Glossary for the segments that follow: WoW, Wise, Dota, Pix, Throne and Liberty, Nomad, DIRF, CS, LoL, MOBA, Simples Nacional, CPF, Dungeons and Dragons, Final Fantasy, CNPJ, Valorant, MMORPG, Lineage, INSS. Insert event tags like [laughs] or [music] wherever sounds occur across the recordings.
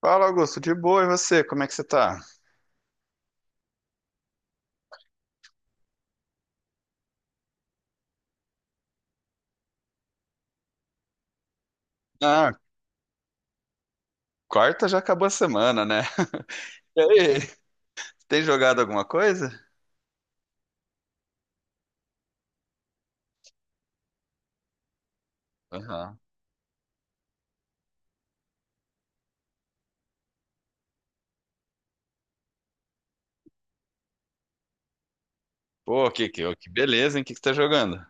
Fala, Augusto, de boa, e você? Como é que você tá? Ah, quarta já acabou a semana, né? [laughs] E aí, tem jogado alguma coisa? Aham. Pô, que beleza, hein? O que você tá jogando?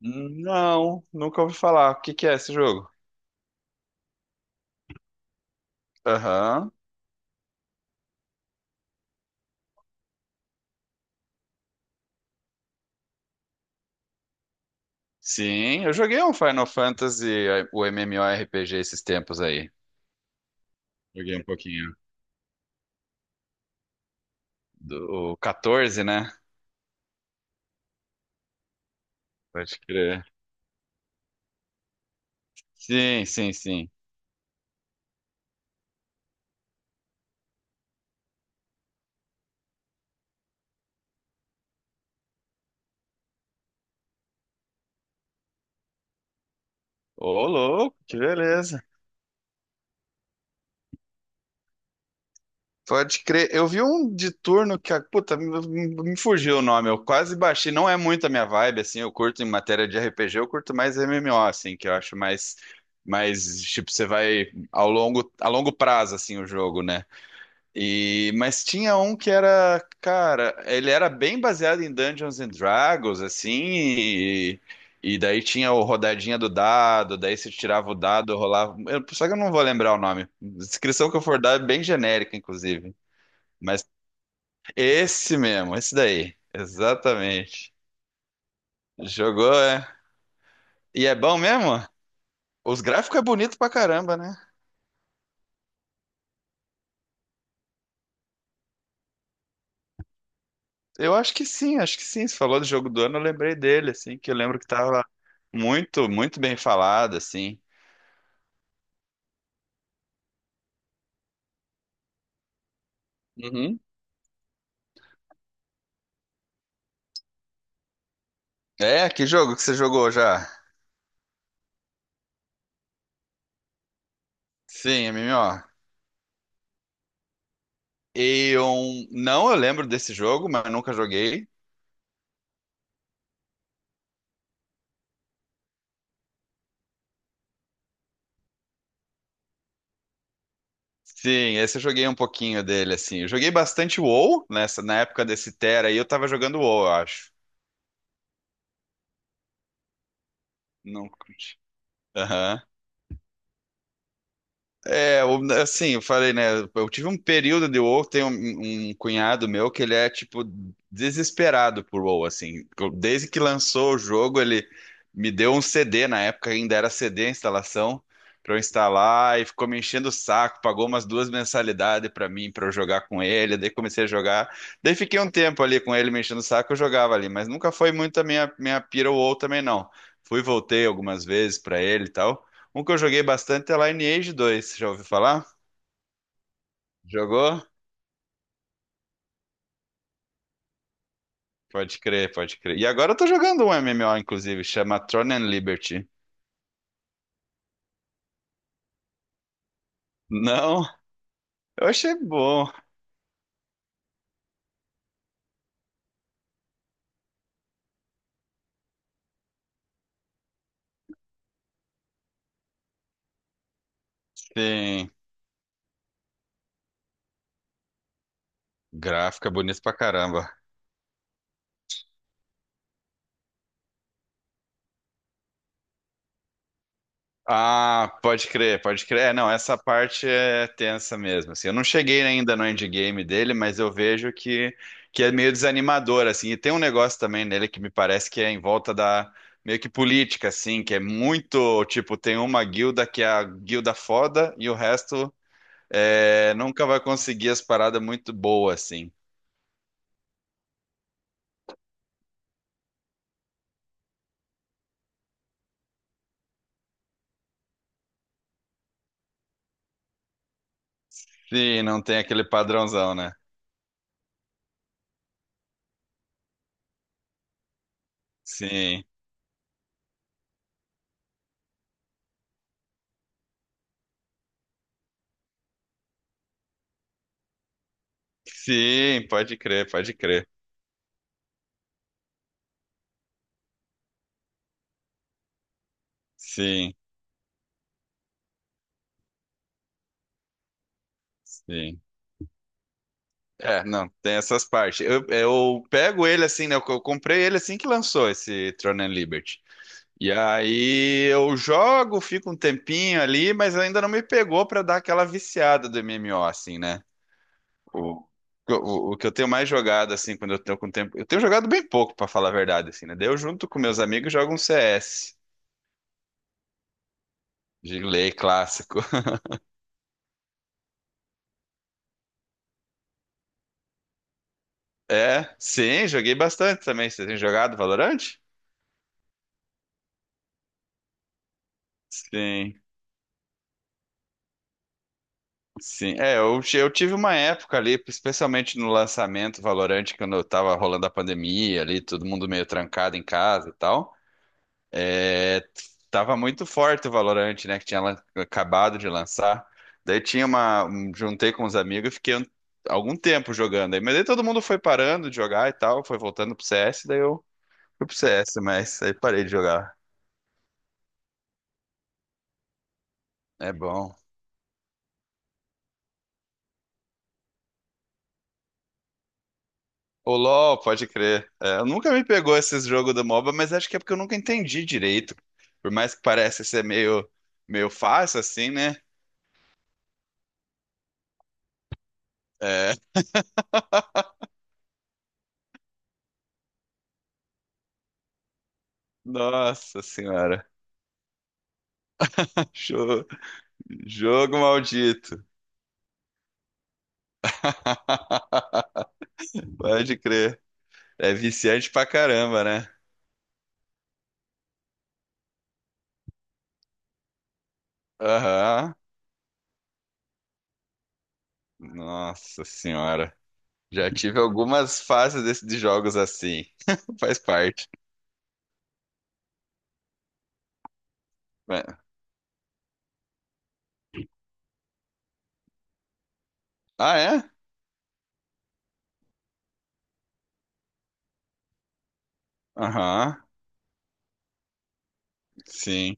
Não, nunca ouvi falar. O que é esse jogo? Aham. Sim, eu joguei um Final Fantasy, o MMORPG esses tempos aí. Joguei um pouquinho. O 14, né? Pode crer. Sim, sim, sim. Ô, louco, que beleza. Pode crer. Eu vi um de turno que, puta, me fugiu o nome. Eu quase baixei. Não é muito a minha vibe, assim. Eu curto em matéria de RPG, eu curto mais MMO, assim, que eu acho mais tipo, você vai a longo prazo, assim, o jogo, né? E, mas tinha um que era, cara, ele era bem baseado em Dungeons and Dragons, assim, e daí tinha o rodadinha do dado, daí você tirava o dado, rolava. Só que eu não vou lembrar o nome. Descrição que eu for dar é bem genérica, inclusive. Mas esse mesmo, esse daí. Exatamente. Jogou, é. E é bom mesmo? Os gráficos é bonito pra caramba, né? Eu acho que sim, acho que sim. Você falou do jogo do ano, eu lembrei dele, assim, que eu lembro que tava muito, muito bem falado, assim. Uhum. É, que jogo que você jogou já? Sim, MMO. Eu não, eu lembro desse jogo, mas eu nunca joguei. Sim, esse eu joguei um pouquinho dele, assim. Eu joguei bastante WoW na época desse Terra aí, eu tava jogando WoW, eu acho. Não. Curti. Aham. É, assim, eu falei, né? Eu tive um período de WoW, tem um cunhado meu que ele é, tipo, desesperado por WoW, assim. Desde que lançou o jogo, ele me deu um CD, na época ainda era CD a instalação, pra eu instalar, e ficou me enchendo o saco, pagou umas duas mensalidades pra mim, pra eu jogar com ele, daí comecei a jogar. Daí fiquei um tempo ali com ele me enchendo o saco, eu jogava ali, mas nunca foi muito a minha pira WoW também, não. Fui, voltei algumas vezes pra ele e tal. Um que eu joguei bastante é Lineage 2. Já ouviu falar? Jogou? Pode crer, pode crer. E agora eu tô jogando um MMO, inclusive, chama Throne and Liberty. Não? Eu achei bom. Sim, gráfica bonita pra caramba. Ah, pode crer, pode crer. É, não, essa parte é tensa mesmo, assim. Eu não cheguei ainda no endgame dele, mas eu vejo que é meio desanimador, assim. E tem um negócio também nele que me parece que é em volta da meio que política, assim, que é muito, tipo, tem uma guilda que é a guilda foda e o resto é, nunca vai conseguir as paradas muito boas, assim. Sim, não tem aquele padrãozão, né? Sim, sim, pode crer, pode crer. Sim, sim. É, não, tem essas partes. Eu pego ele assim, né? Eu comprei ele assim que lançou esse Throne and Liberty. E aí eu jogo, fico um tempinho ali, mas ainda não me pegou pra dar aquela viciada do MMO, assim, né? O, o que eu tenho mais jogado, assim, quando eu tenho com tempo. Eu tenho jogado bem pouco, pra falar a verdade, assim, né? Daí eu junto com meus amigos jogo um CS. De lei clássico. [laughs] É, sim, joguei bastante também. Você tem jogado Valorant? Sim. Sim, é, eu tive uma época ali, especialmente no lançamento Valorant, quando eu tava rolando a pandemia ali, todo mundo meio trancado em casa e tal, é, tava muito forte o Valorant, né, que tinha acabado de lançar, daí juntei com os amigos e fiquei algum tempo jogando aí, mas daí todo mundo foi parando de jogar e tal, foi voltando pro CS, daí eu fui pro CS, mas aí parei de jogar, é bom. O LoL, pode crer. É, eu nunca me pegou esses jogos do MOBA, mas acho que é porque eu nunca entendi direito. Por mais que pareça ser meio fácil assim, né? É. Nossa senhora. [laughs] Jo- Jogo maldito. [laughs] Pode crer. É viciante pra caramba, né? Aham. Nossa senhora. Já tive algumas fases de jogos assim. [laughs] Faz parte. É. Ah, é? Aham. Sim.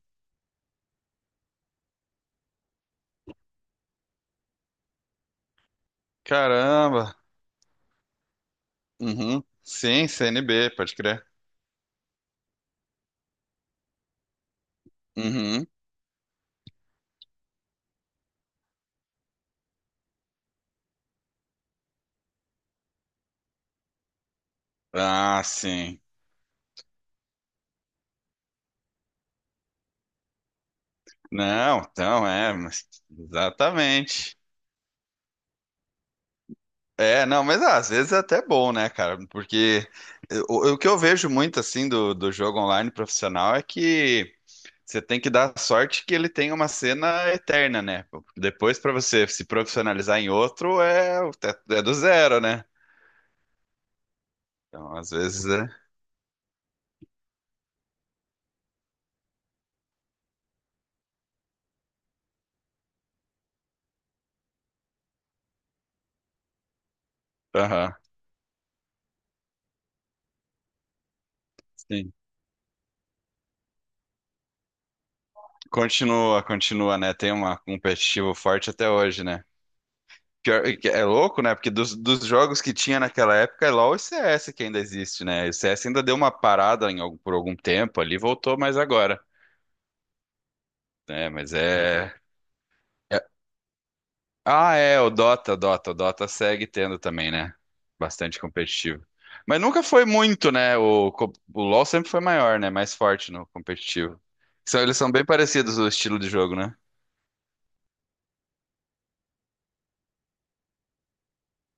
Caramba. Uhum. Sim, C N B, pode crer. Uhum. Ah, sim. Não, então é, exatamente. É, não, mas ah, às vezes é até bom, né, cara? Porque o que eu vejo muito assim do jogo online profissional é que você tem que dar sorte que ele tenha uma cena eterna, né? Depois, pra você se profissionalizar em outro, é do zero, né? Então, às vezes é. Aham, sim. Continua, continua, né? Tem uma um competitivo forte até hoje, né? É louco, né? Porque dos jogos que tinha naquela época, é LoL e CS que ainda existe, né? O CS ainda deu uma parada em por algum tempo ali, voltou mais agora. É, mas é... é- Ah, é, o o Dota segue tendo também, né? Bastante competitivo. Mas nunca foi muito, né? O LoL sempre foi maior, né? Mais forte no competitivo. Eles são bem parecidos o estilo de jogo, né?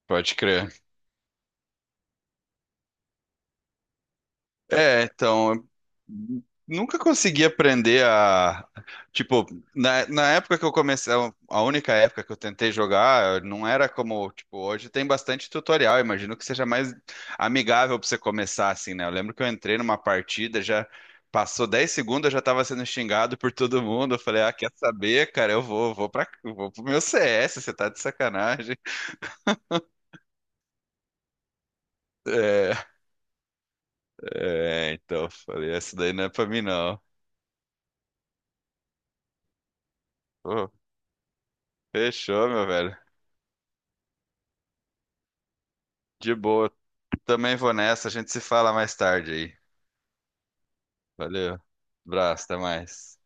Pode crer. É, então, eu nunca consegui aprender a, tipo, na época que eu comecei, a única época que eu tentei jogar, não era como, tipo, hoje tem bastante tutorial, imagino que seja mais amigável pra você começar assim, né? Eu lembro que eu entrei numa partida, já passou 10 segundos, eu já tava sendo xingado por todo mundo, eu falei, ah, quer saber, cara, eu vou pro meu CS, você tá de sacanagem. É, é, então, eu falei, essa daí não é pra mim não. Pô, fechou, meu velho. De boa. Também vou nessa. A gente se fala mais tarde aí. Valeu. Abraço, até mais.